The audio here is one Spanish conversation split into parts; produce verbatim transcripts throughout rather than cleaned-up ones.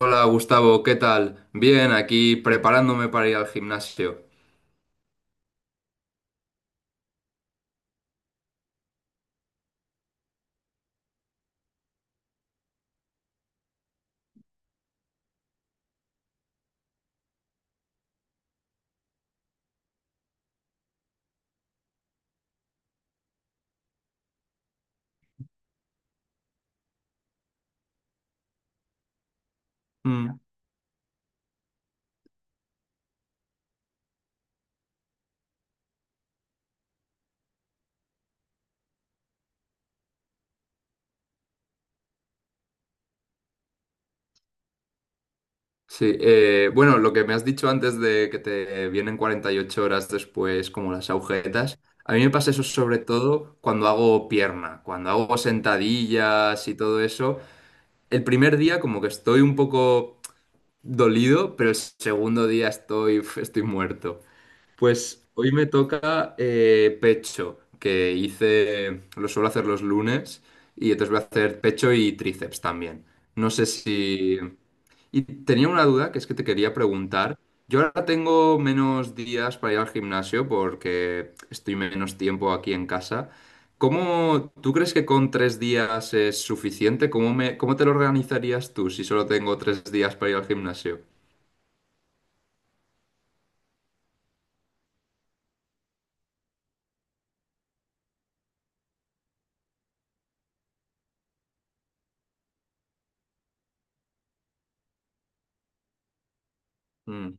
Hola Gustavo, ¿qué tal? Bien, aquí preparándome para ir al gimnasio. Mm. Sí, eh, bueno, lo que me has dicho antes de que te vienen cuarenta y ocho horas después como las agujetas, a mí me pasa eso sobre todo cuando hago pierna, cuando hago sentadillas y todo eso. El primer día como que estoy un poco dolido, pero el segundo día estoy, estoy muerto. Pues hoy me toca eh, pecho, que hice, lo suelo hacer los lunes, y entonces voy a hacer pecho y tríceps también. No sé si... Y tenía una duda que es que te quería preguntar. Yo ahora tengo menos días para ir al gimnasio porque estoy menos tiempo aquí en casa. ¿Cómo, ¿tú crees que con tres días es suficiente? ¿Cómo me, ¿cómo te lo organizarías tú si solo tengo tres días para ir al gimnasio? Mm.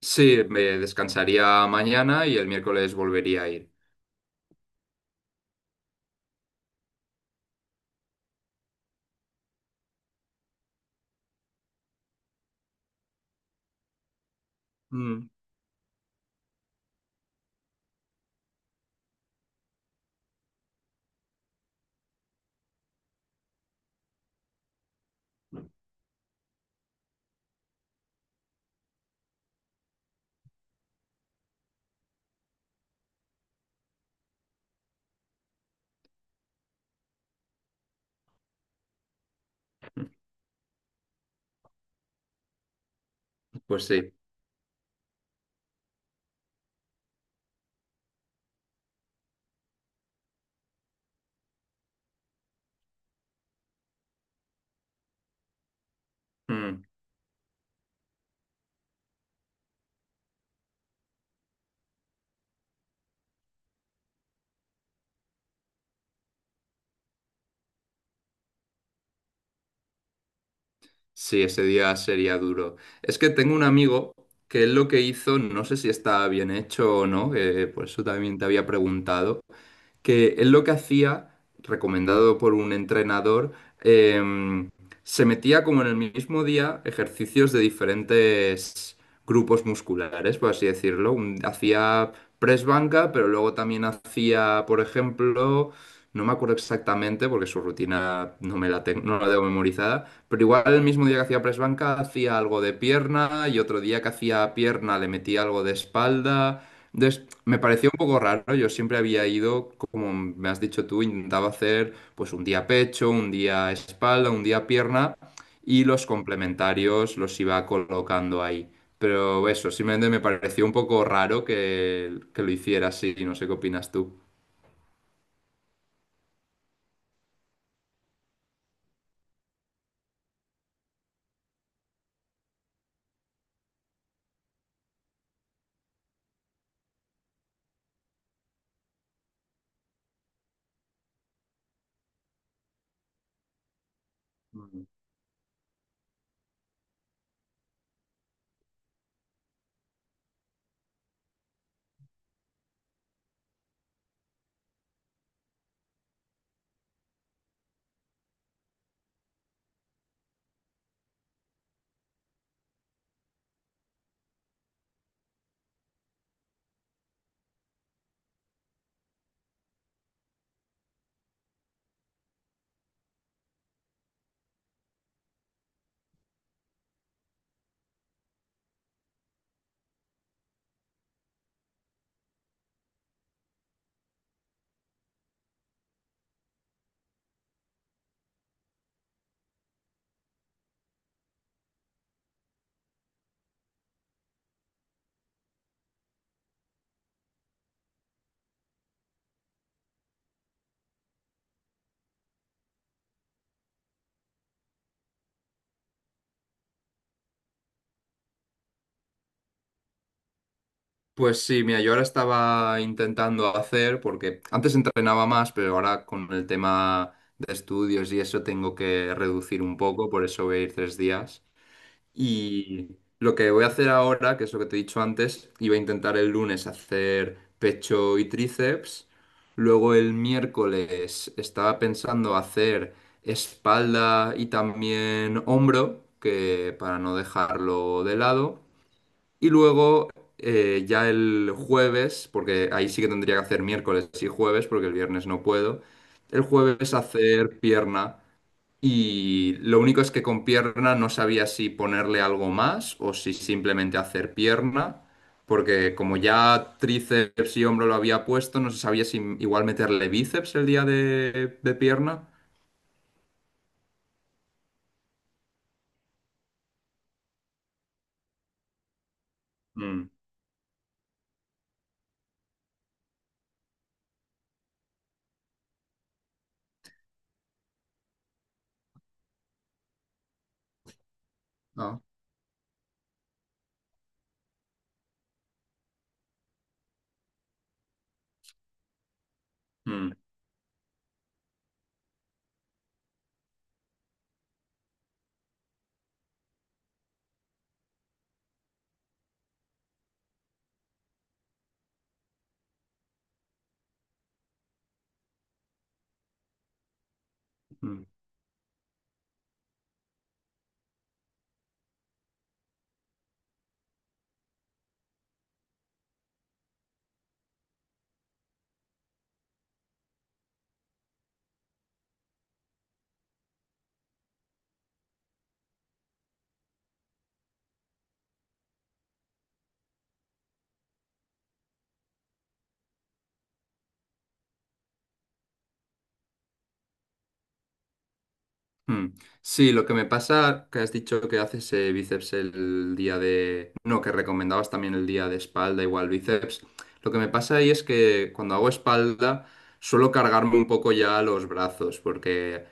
Sí, me descansaría mañana y el miércoles volvería a ir. Mm, Pues sí. Mm, sí, ese día sería duro. Es que tengo un amigo que él lo que hizo, no sé si está bien hecho o no, eh, por eso también te había preguntado, que él lo que hacía, recomendado por un entrenador, em, se metía como en el mismo día ejercicios de diferentes grupos musculares, por así decirlo. Un- hacía press banca, pero luego también hacía, por ejemplo, no me acuerdo exactamente porque su rutina no me la tengo, no la tengo memorizada, pero igual el mismo día que hacía press banca hacía algo de pierna y otro día que hacía pierna le metía algo de espalda. Entonces, me parecía un poco raro. Yo siempre había ido, como me has dicho tú, intentaba hacer pues un día pecho, un día espalda, un día pierna y los complementarios los iba colocando ahí. Pero eso, simplemente me pareció un poco raro que, que lo hiciera así. No sé qué opinas tú. Pues sí, mira, yo ahora estaba intentando hacer, porque antes entrenaba más, pero ahora con el tema de estudios y eso tengo que reducir un poco, por eso voy a ir tres días. Y lo que voy a hacer ahora, que es lo que te he dicho antes, iba a intentar el lunes hacer pecho y tríceps. Luego el miércoles estaba pensando hacer espalda y también hombro, que para no dejarlo de lado. Y luego eh, ya el jueves, porque ahí sí que tendría que hacer miércoles y jueves, porque el viernes no puedo. El jueves hacer pierna. Y lo único es que con pierna no sabía si ponerle algo más o si simplemente hacer pierna. Porque como ya tríceps y hombro lo había puesto, no se sabía si igual meterle bíceps el día de, de pierna. Mm, no. Mm, mm. Mm. Sí, lo que me pasa, que has dicho que haces eh, bíceps el día de... No, que recomendabas también el día de espalda, igual bíceps. Lo que me pasa ahí es que cuando hago espalda suelo cargarme un poco ya los brazos, porque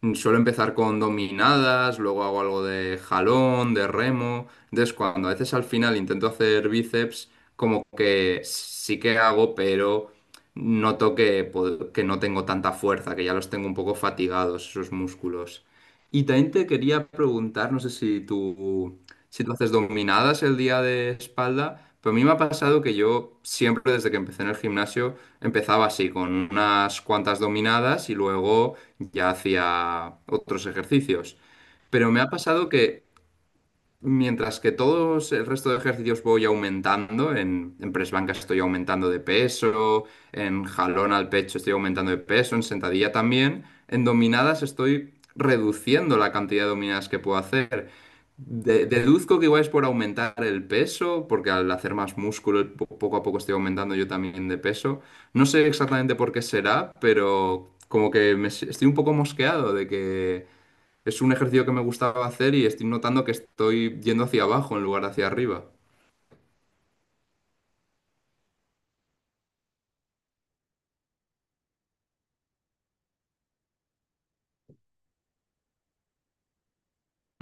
mm, suelo empezar con dominadas, luego hago algo de jalón, de remo. Entonces, cuando a veces al final intento hacer bíceps, como que sí que hago, pero noto que, pod- que no tengo tanta fuerza, que ya los tengo un poco fatigados, esos músculos. Y también te quería preguntar, no sé si tú, si tú haces dominadas el día de espalda, pero a mí me ha pasado que yo siempre desde que empecé en el gimnasio empezaba así, con unas cuantas dominadas y luego ya hacía otros ejercicios. Pero me ha pasado que mientras que todos el resto de ejercicios voy aumentando, en, en press banca estoy aumentando de peso, en jalón al pecho estoy aumentando de peso, en sentadilla también, en dominadas estoy reduciendo la cantidad de dominadas que puedo hacer. De- deduzco que igual es por aumentar el peso, porque al hacer más músculo po- poco a poco estoy aumentando yo también de peso. No sé exactamente por qué será, pero como que me s- estoy un poco mosqueado de que es un ejercicio que me gustaba hacer y estoy notando que estoy yendo hacia abajo en lugar de hacia arriba.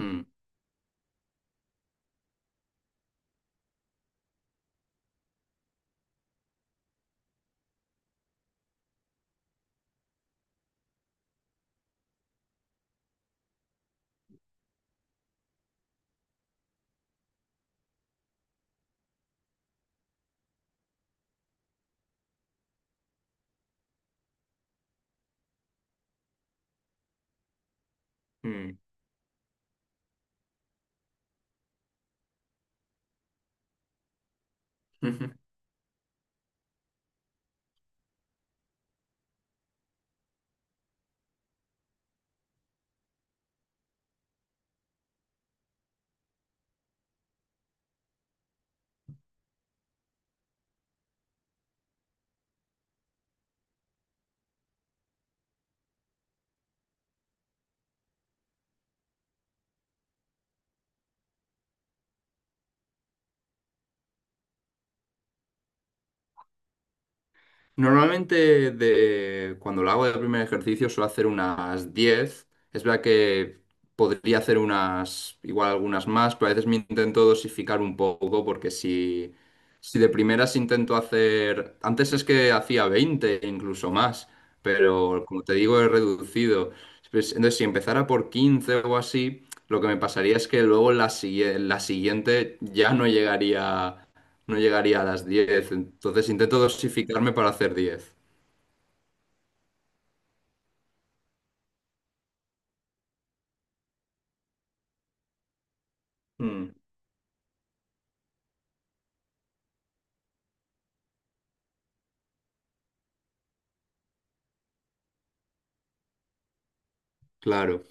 Mm, mm. Normalmente de, cuando lo hago de primer ejercicio suelo hacer unas diez. Es verdad que podría hacer unas, igual algunas más, pero a veces me intento dosificar un poco porque si, si de primeras intento hacer... Antes es que hacía veinte incluso más, pero como te digo he reducido. Pues, entonces si empezara por quince o así, lo que me pasaría es que luego la, sigui- la siguiente ya no llegaría, no llegaría a las diez. Entonces intento dosificarme para hacer diez. Mm. Claro,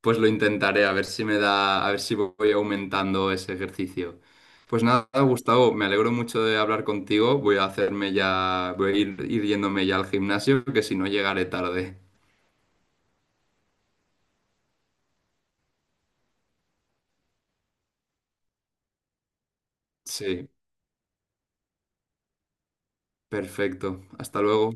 pues lo intentaré, a ver si me da, a ver si voy aumentando ese ejercicio. Pues nada, Gustavo, me alegro mucho de hablar contigo. Voy a hacerme ya, voy a ir, ir yéndome ya al gimnasio, que si no llegaré tarde. Sí, perfecto. Hasta luego.